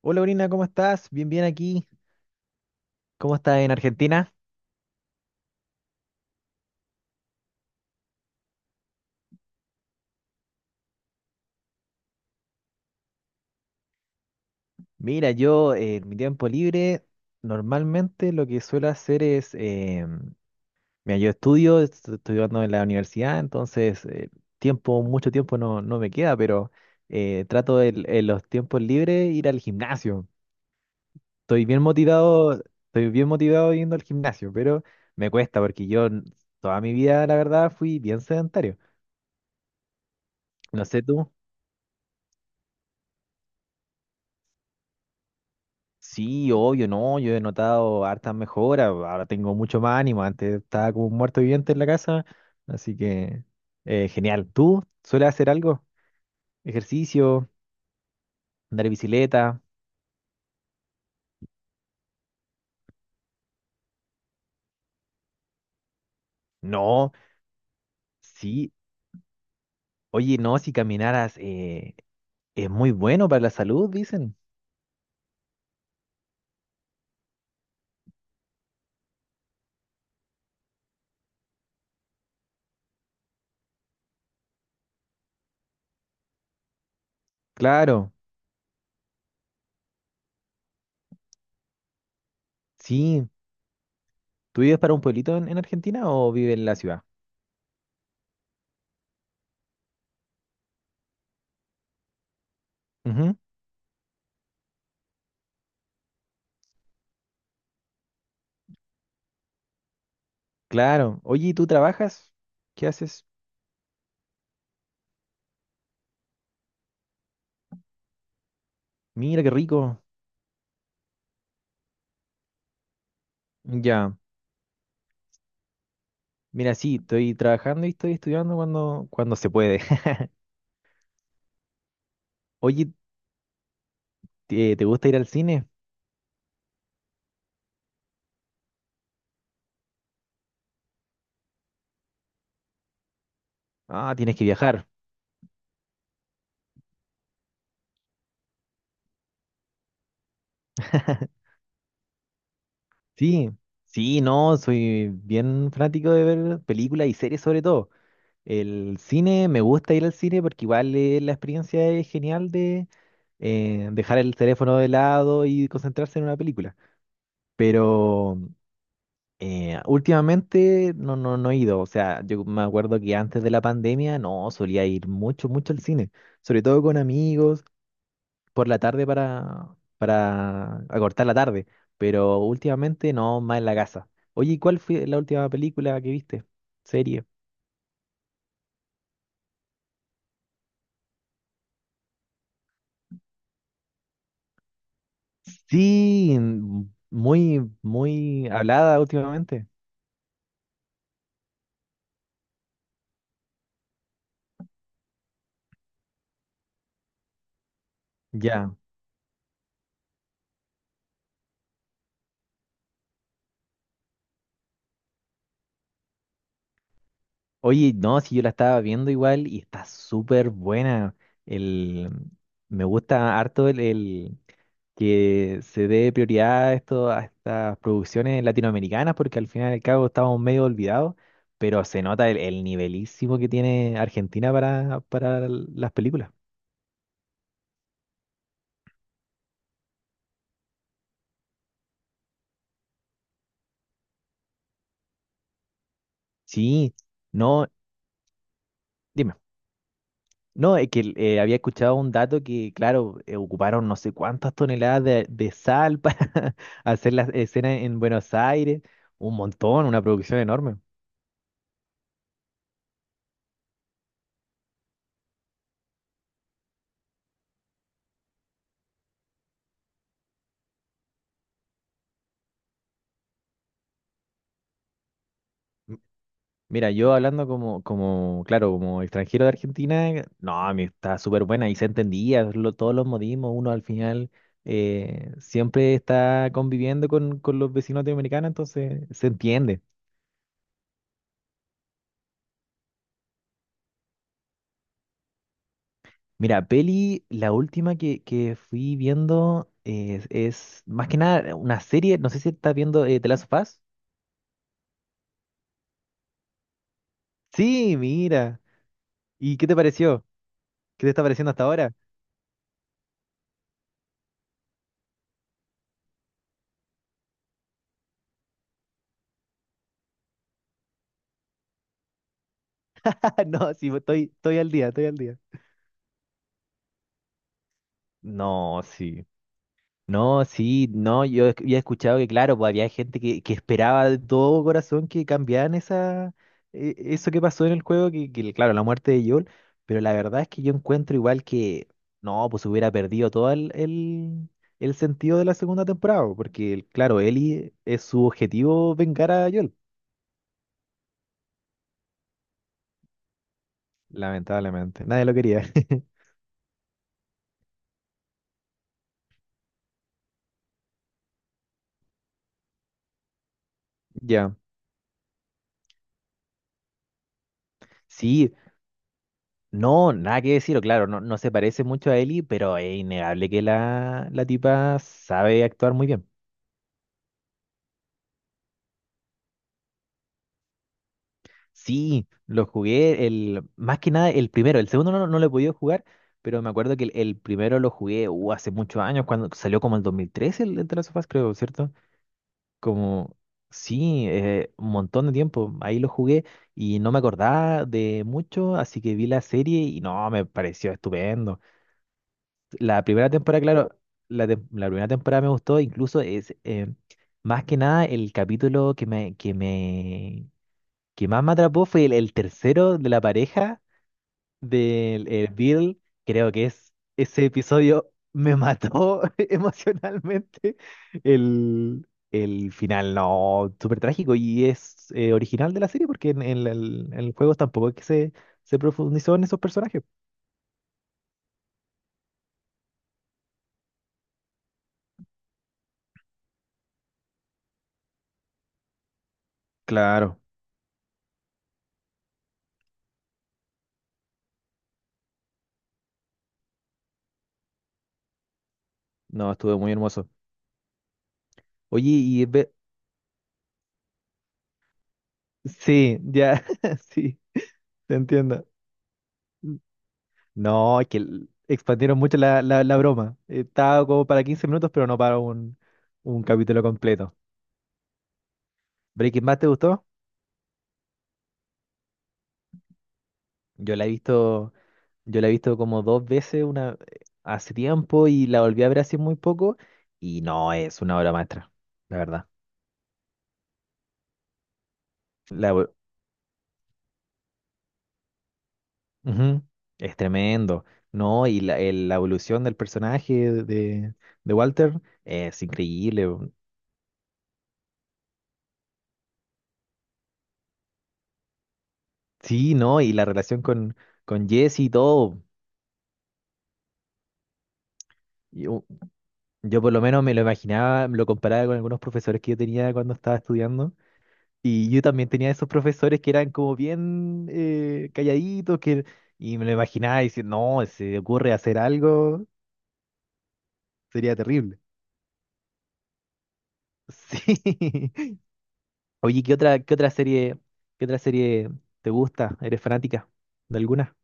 Hola, Brina, ¿cómo estás? Bien, bien aquí. ¿Cómo estás en Argentina? Mira, yo en mi tiempo libre normalmente lo que suelo hacer es, mira, yo estoy estudiando en la universidad, entonces mucho tiempo no, no me queda, pero trato en los tiempos libres ir al gimnasio. Estoy bien motivado yendo al gimnasio, pero me cuesta porque yo toda mi vida, la verdad, fui bien sedentario. No sé tú. Sí, obvio, no, yo he notado hartas mejoras, ahora tengo mucho más ánimo, antes estaba como un muerto viviente en la casa, así que genial. ¿Tú sueles hacer algo? ¿Ejercicio? ¿Andar bicicleta? No, sí, oye, no, si caminaras es muy bueno para la salud, dicen. Claro, sí. ¿Tú vives para un pueblito en Argentina o vives en la ciudad? Ujú, claro, oye, ¿y tú trabajas? ¿Qué haces? Mira, qué rico. Ya. Mira, sí, estoy trabajando y estoy estudiando cuando se puede. Oye, ¿te gusta ir al cine? Ah, tienes que viajar. Sí, sí, no, soy bien fanático de ver películas y series sobre todo. El cine, me gusta ir al cine porque igual la experiencia es genial de dejar el teléfono de lado y concentrarse en una película. Pero últimamente no, no, no he ido, o sea, yo me acuerdo que antes de la pandemia no solía ir mucho, mucho al cine, sobre todo con amigos, por la tarde para acortar la tarde, pero últimamente no, más en la casa. Oye, ¿y cuál fue la última película que viste? Serie. Sí, muy, muy hablada últimamente. Ya. Oye, no, si yo la estaba viendo igual y está súper buena. El, me gusta harto que se dé prioridad a esto, a estas producciones latinoamericanas, porque al final y al cabo estamos medio olvidados, pero se nota el nivelísimo que tiene Argentina para las películas. Sí, no, dime. No, es que había escuchado un dato que, claro, ocuparon no sé cuántas toneladas de sal para hacer las escenas en Buenos Aires, un montón, una producción enorme. Mira, yo hablando como, claro, como extranjero de Argentina, no, a mí está súper buena y se entendía todos los modismos. Uno al final siempre está conviviendo con los vecinos latinoamericanos, entonces se entiende. Mira, peli, la última que fui viendo es más que nada una serie, no sé si estás viendo The Last of Us. Sí, mira. ¿Y qué te pareció? ¿Qué te está pareciendo hasta ahora? No, sí, estoy al día, estoy al día. No, sí. No, sí, no, yo había escuchado que, claro, pues había gente que esperaba de todo corazón que cambiaran esa, eso que pasó en el juego, que, claro, la muerte de Joel, pero la verdad es que yo encuentro igual que, no, pues hubiera perdido todo el sentido de la segunda temporada, porque, claro, Ellie es su objetivo vengar a Joel, lamentablemente, nadie lo quería. Ya. Sí, no, nada que decir, o claro, no, no se parece mucho a Ellie, pero es innegable que la tipa sabe actuar muy bien. Sí, lo jugué más que nada el primero, el segundo no, no lo he podido jugar, pero me acuerdo que el primero lo jugué hace muchos años, cuando salió como el 2013 el The Last of Us, creo, ¿cierto? Como, sí, un montón de tiempo, ahí lo jugué y no me acordaba de mucho, así que vi la serie y no, me pareció estupendo. La primera temporada, claro, la primera temporada me gustó, incluso más que nada el capítulo que más me atrapó fue el tercero de la pareja del el Bill. Creo que es ese episodio me mató emocionalmente. El final, no, súper trágico y es original de la serie porque en el juego tampoco es que se profundizó en esos personajes. Claro, no, estuvo muy hermoso. Oye, sí, ya, sí, te entiendo. No, es que expandieron mucho la broma. Estaba como para 15 minutos, pero no para un capítulo completo. ¿Breaking Bad te gustó? Yo la he visto, yo la he visto como dos veces una, hace tiempo y la volví a ver hace muy poco. Y no, es una obra maestra, la verdad. La, evo- Ujú, es tremendo. No, y la evolución del personaje de, de Walter es increíble. Sí, no, y la relación con Jesse y todo. Yo por lo menos me lo imaginaba, lo comparaba con algunos profesores que yo tenía cuando estaba estudiando. Y yo también tenía esos profesores que eran como bien calladitos, y me lo imaginaba diciendo, no, si se ocurre hacer algo, sería terrible. Sí. Oye, qué otra serie te gusta? ¿Eres fanática de alguna?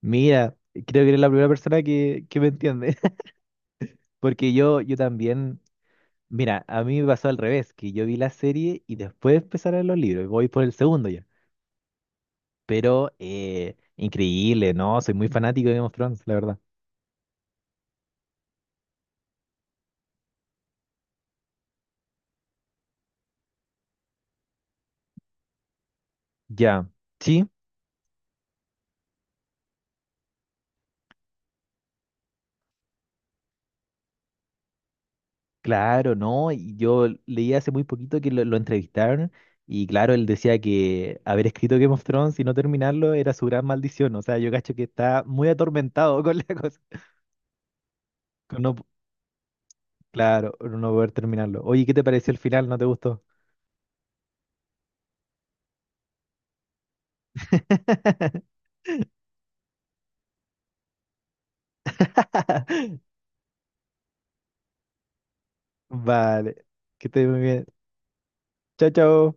Mira, creo que eres la primera persona que me entiende. Porque yo también. Mira, a mí me pasó al revés, que yo vi la serie y después empezaron los libros. Voy por el segundo ya. Pero increíble, ¿no? Soy muy fanático de Game of Thrones, la verdad. Ya, sí, claro, ¿no? Y yo leí hace muy poquito que lo entrevistaron y claro, él decía que haber escrito Game of Thrones y no terminarlo era su gran maldición. O sea, yo cacho que está muy atormentado con la cosa. Con no, claro, no poder terminarlo. Oye, ¿qué te pareció el final? ¿No te gustó? Vale, que estés muy bien. Chao, chao.